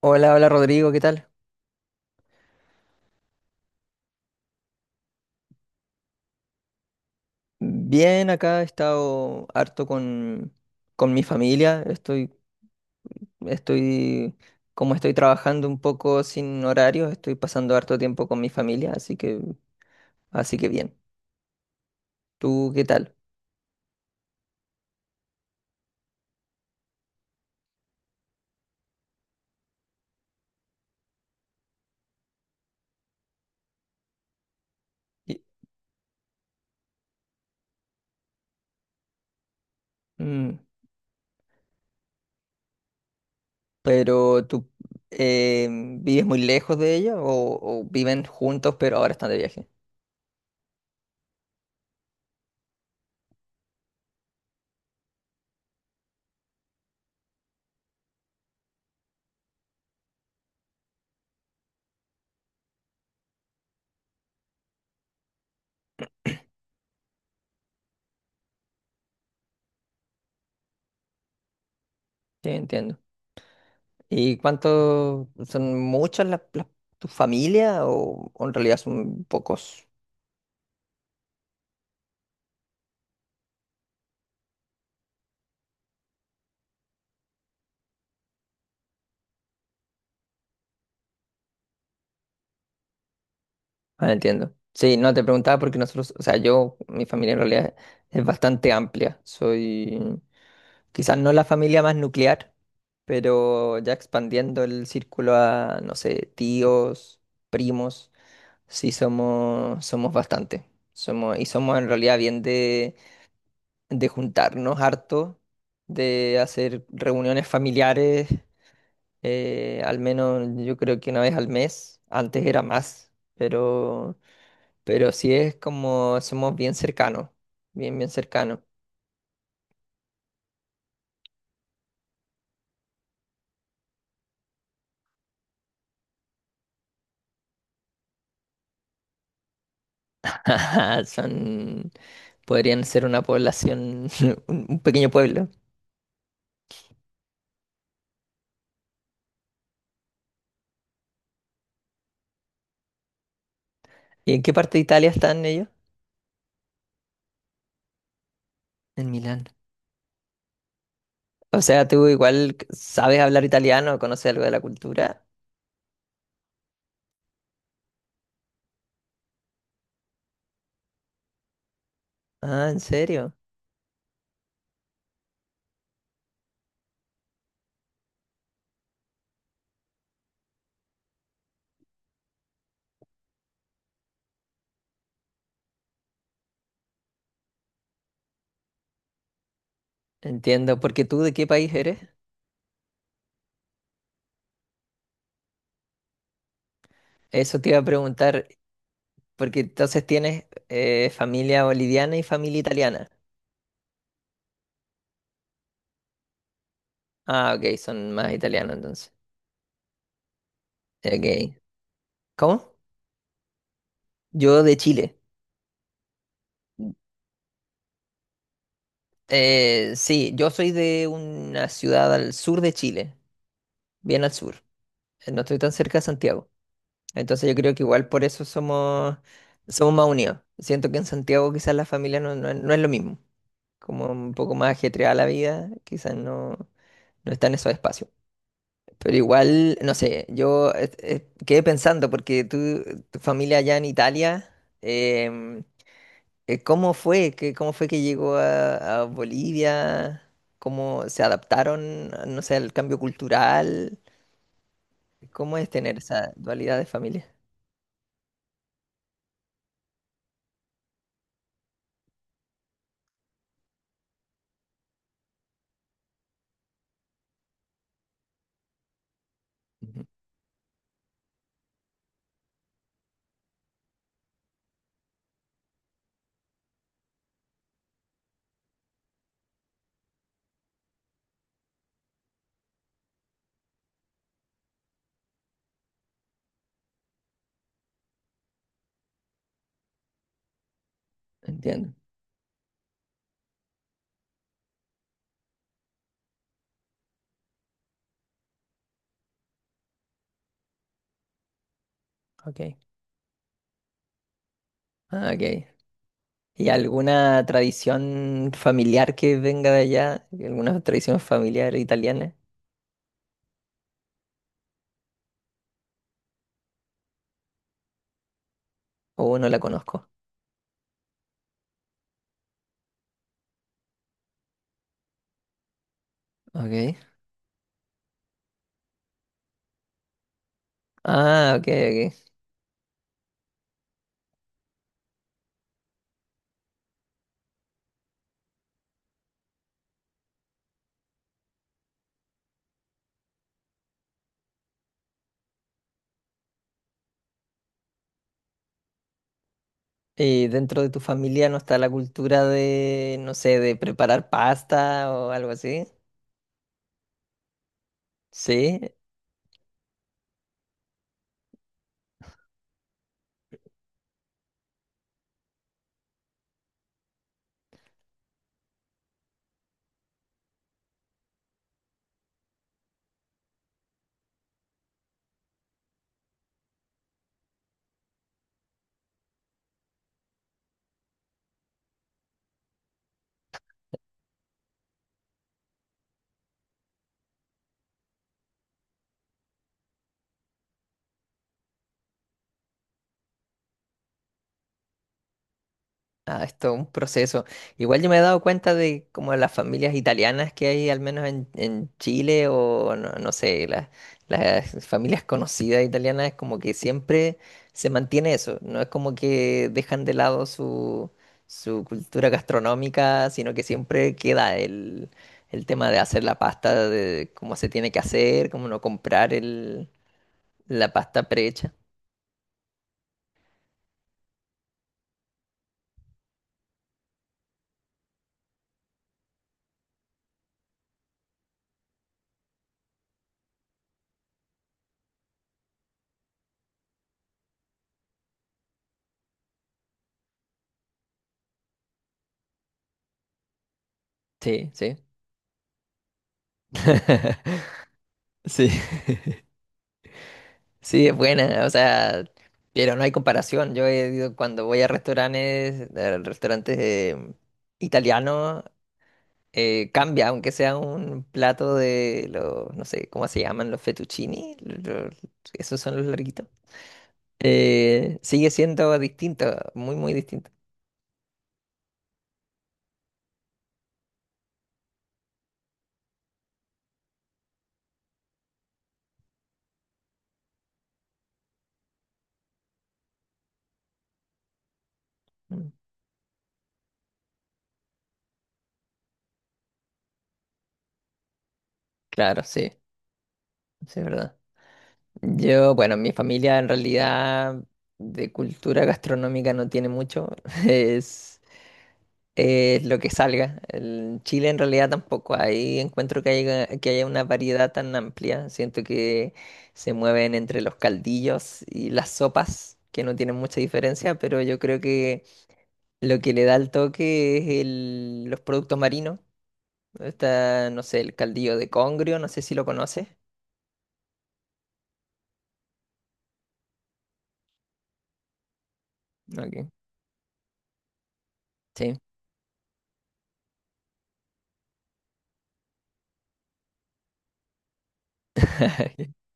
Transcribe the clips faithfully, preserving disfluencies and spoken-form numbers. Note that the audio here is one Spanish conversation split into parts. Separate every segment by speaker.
Speaker 1: Hola, hola Rodrigo, ¿qué tal? Bien, acá he estado harto con, con mi familia. Estoy, estoy, como estoy trabajando un poco sin horario, estoy pasando harto tiempo con mi familia, así que, así que bien. ¿Tú qué tal? Y- mm, pero tú eh, vives muy lejos de ella, o, o viven juntos, pero ahora están de viaje. Sí, entiendo. ¿Y cuántos son? ¿Muchas las, las- tu familia, o, o en realidad son pocos? Ah, entiendo. Sí, no te preguntaba porque nosotros, o sea, yo, mi familia en realidad es bastante amplia. Soy, quizás no la familia más nuclear, pero ya expandiendo el círculo a, no sé, tíos, primos, sí somos, somos bastante. Somos, y somos en realidad bien de, de juntarnos harto, de hacer reuniones familiares, eh, al menos yo creo que una vez al mes. Antes era más, pero pero sí, es como somos bien cercanos, bien, bien cercanos. Son, podrían ser una población, un un pequeño pueblo. ¿Y en qué parte de Italia están ellos? En Milán. O sea, tú igual sabes hablar italiano, conoces algo de la cultura. Ah, ¿en serio? Entiendo. ¿Porque tú de qué país eres? Eso te iba a preguntar, porque entonces tienes eh, familia boliviana y familia italiana. Ah, ok, son más italianos entonces. Ok. ¿Cómo? Yo de Chile. Eh, sí, yo soy de una ciudad al sur de Chile, bien al sur. Eh, No estoy tan cerca de Santiago. Entonces yo creo que igual por eso somos, somos más unidos. Siento que en Santiago quizás la familia no, no, es no es lo mismo. Como un poco más ajetreada la vida, quizás no, no está en esos espacios. Pero igual, no sé, yo eh, eh, quedé pensando porque tú, tu familia allá en Italia, em, Eh, ¿Cómo fue? ¿Qué- ¿cómo fue que llegó a, a Bolivia? ¿Cómo se adaptaron, no sé, al cambio cultural? ¿Cómo es tener esa dualidad de familia? Ujú. Entiendo. Ok. Ah, ok. ¿Y alguna tradición familiar que venga de allá? ¿Alguna tradición familiar italiana? ¿O no la conozco? Ok. Ah, ok, ok. ¿Y dentro de tu familia no está la cultura de, no sé, de preparar pasta o algo así? Sí. Ah, esto es un proceso. Igual yo me he dado cuenta de como las familias italianas que hay, al menos en, en Chile, o no, no sé, las, las familias conocidas italianas, es como que siempre se mantiene eso. No es como que dejan de lado su, su cultura gastronómica, sino que siempre queda el, el tema de hacer la pasta, de cómo se tiene que hacer, cómo no comprar el, la pasta prehecha. Sí, sí. Sí. Sí, es buena, o sea, pero no hay comparación. Yo he ido cuando voy a restaurantes, a restaurantes eh, italianos, eh, cambia, aunque sea un plato de los, no sé, ¿cómo se llaman? Los fettuccini, los- esos son los larguitos. Eh, sigue siendo distinto, muy, muy distinto. Mm, Claro, sí, sí, es verdad. Yo, bueno, mi familia en realidad de cultura gastronómica no tiene mucho. Es eh, lo que salga. En Chile en realidad tampoco. Ahí encuentro que haya, que haya una variedad tan amplia. Siento que se mueven entre los caldillos y las sopas, que no tienen mucha diferencia, pero yo creo que lo que le da el toque es el- los productos marinos. Está, no sé, el caldillo de congrio, no sé si lo conoces. Ok. Sí.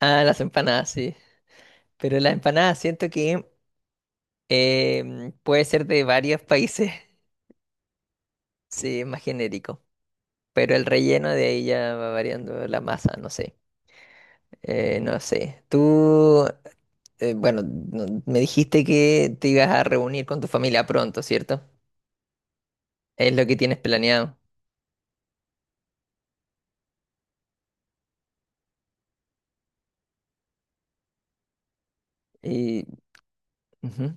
Speaker 1: Ah, las empanadas, sí. Pero las empanadas siento que em, puede ser de varios países. Sí, es más genérico. Pero el relleno de ahí ya va variando la masa, no sé. Eh, no sé. Tú, eh, bueno, no- me dijiste que te ibas a reunir con tu familia pronto, ¿cierto? Es lo que tienes planeado. Y, ujú,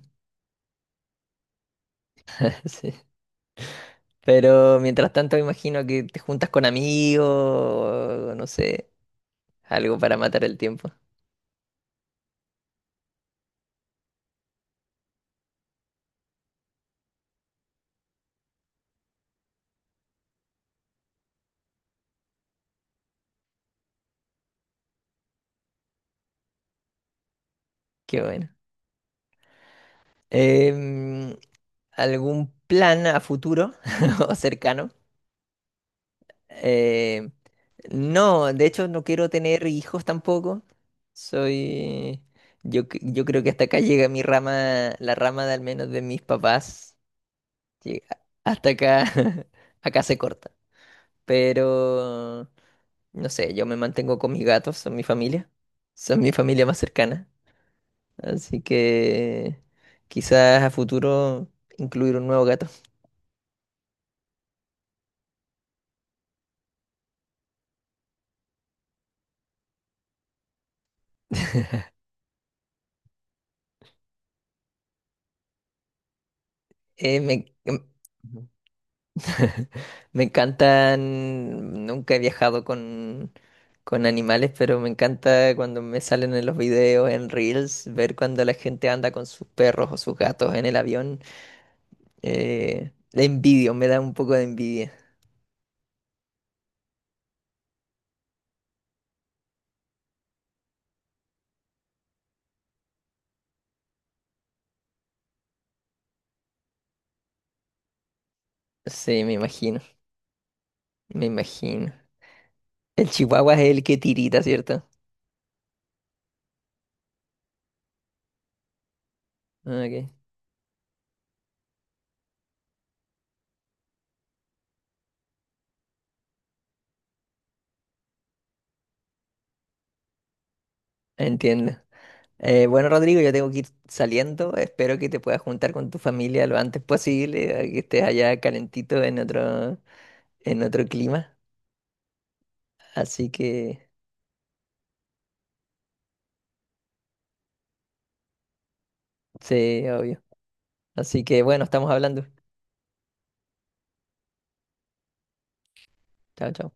Speaker 1: sí. Pero mientras tanto, me imagino que te juntas con amigos, no sé, algo para matar el tiempo. Qué bueno. Em, ¿Algún plan a futuro o cercano? Em, No, de hecho no quiero tener hijos tampoco. Soy, yo, c- yo creo que hasta acá llega mi rama, la rama de al menos de mis papás. Llega- Hasta acá, acá se corta. Pero, no sé, yo me mantengo con mis gatos, son mi familia, son mi familia más cercana. Así que quizás a futuro incluir un nuevo gato. Eh, me, em- Me encantan, nunca he viajado con... con animales, pero me encanta cuando me salen en los videos, en Reels, ver cuando la gente anda con sus perros o sus gatos en el avión. Eh, la envidio, me da un poco de envidia. Sí, me imagino, me imagino. El chihuahua es el que tirita, ¿cierto? Ah, ok, entiendo. Eh, bueno, Rodrigo, yo tengo que ir saliendo. Espero que te puedas juntar con tu familia lo antes posible, a que estés allá calentito en otro, en otro clima. Así que, sí, obvio. Así que, bueno, estamos hablando. Chao, chao.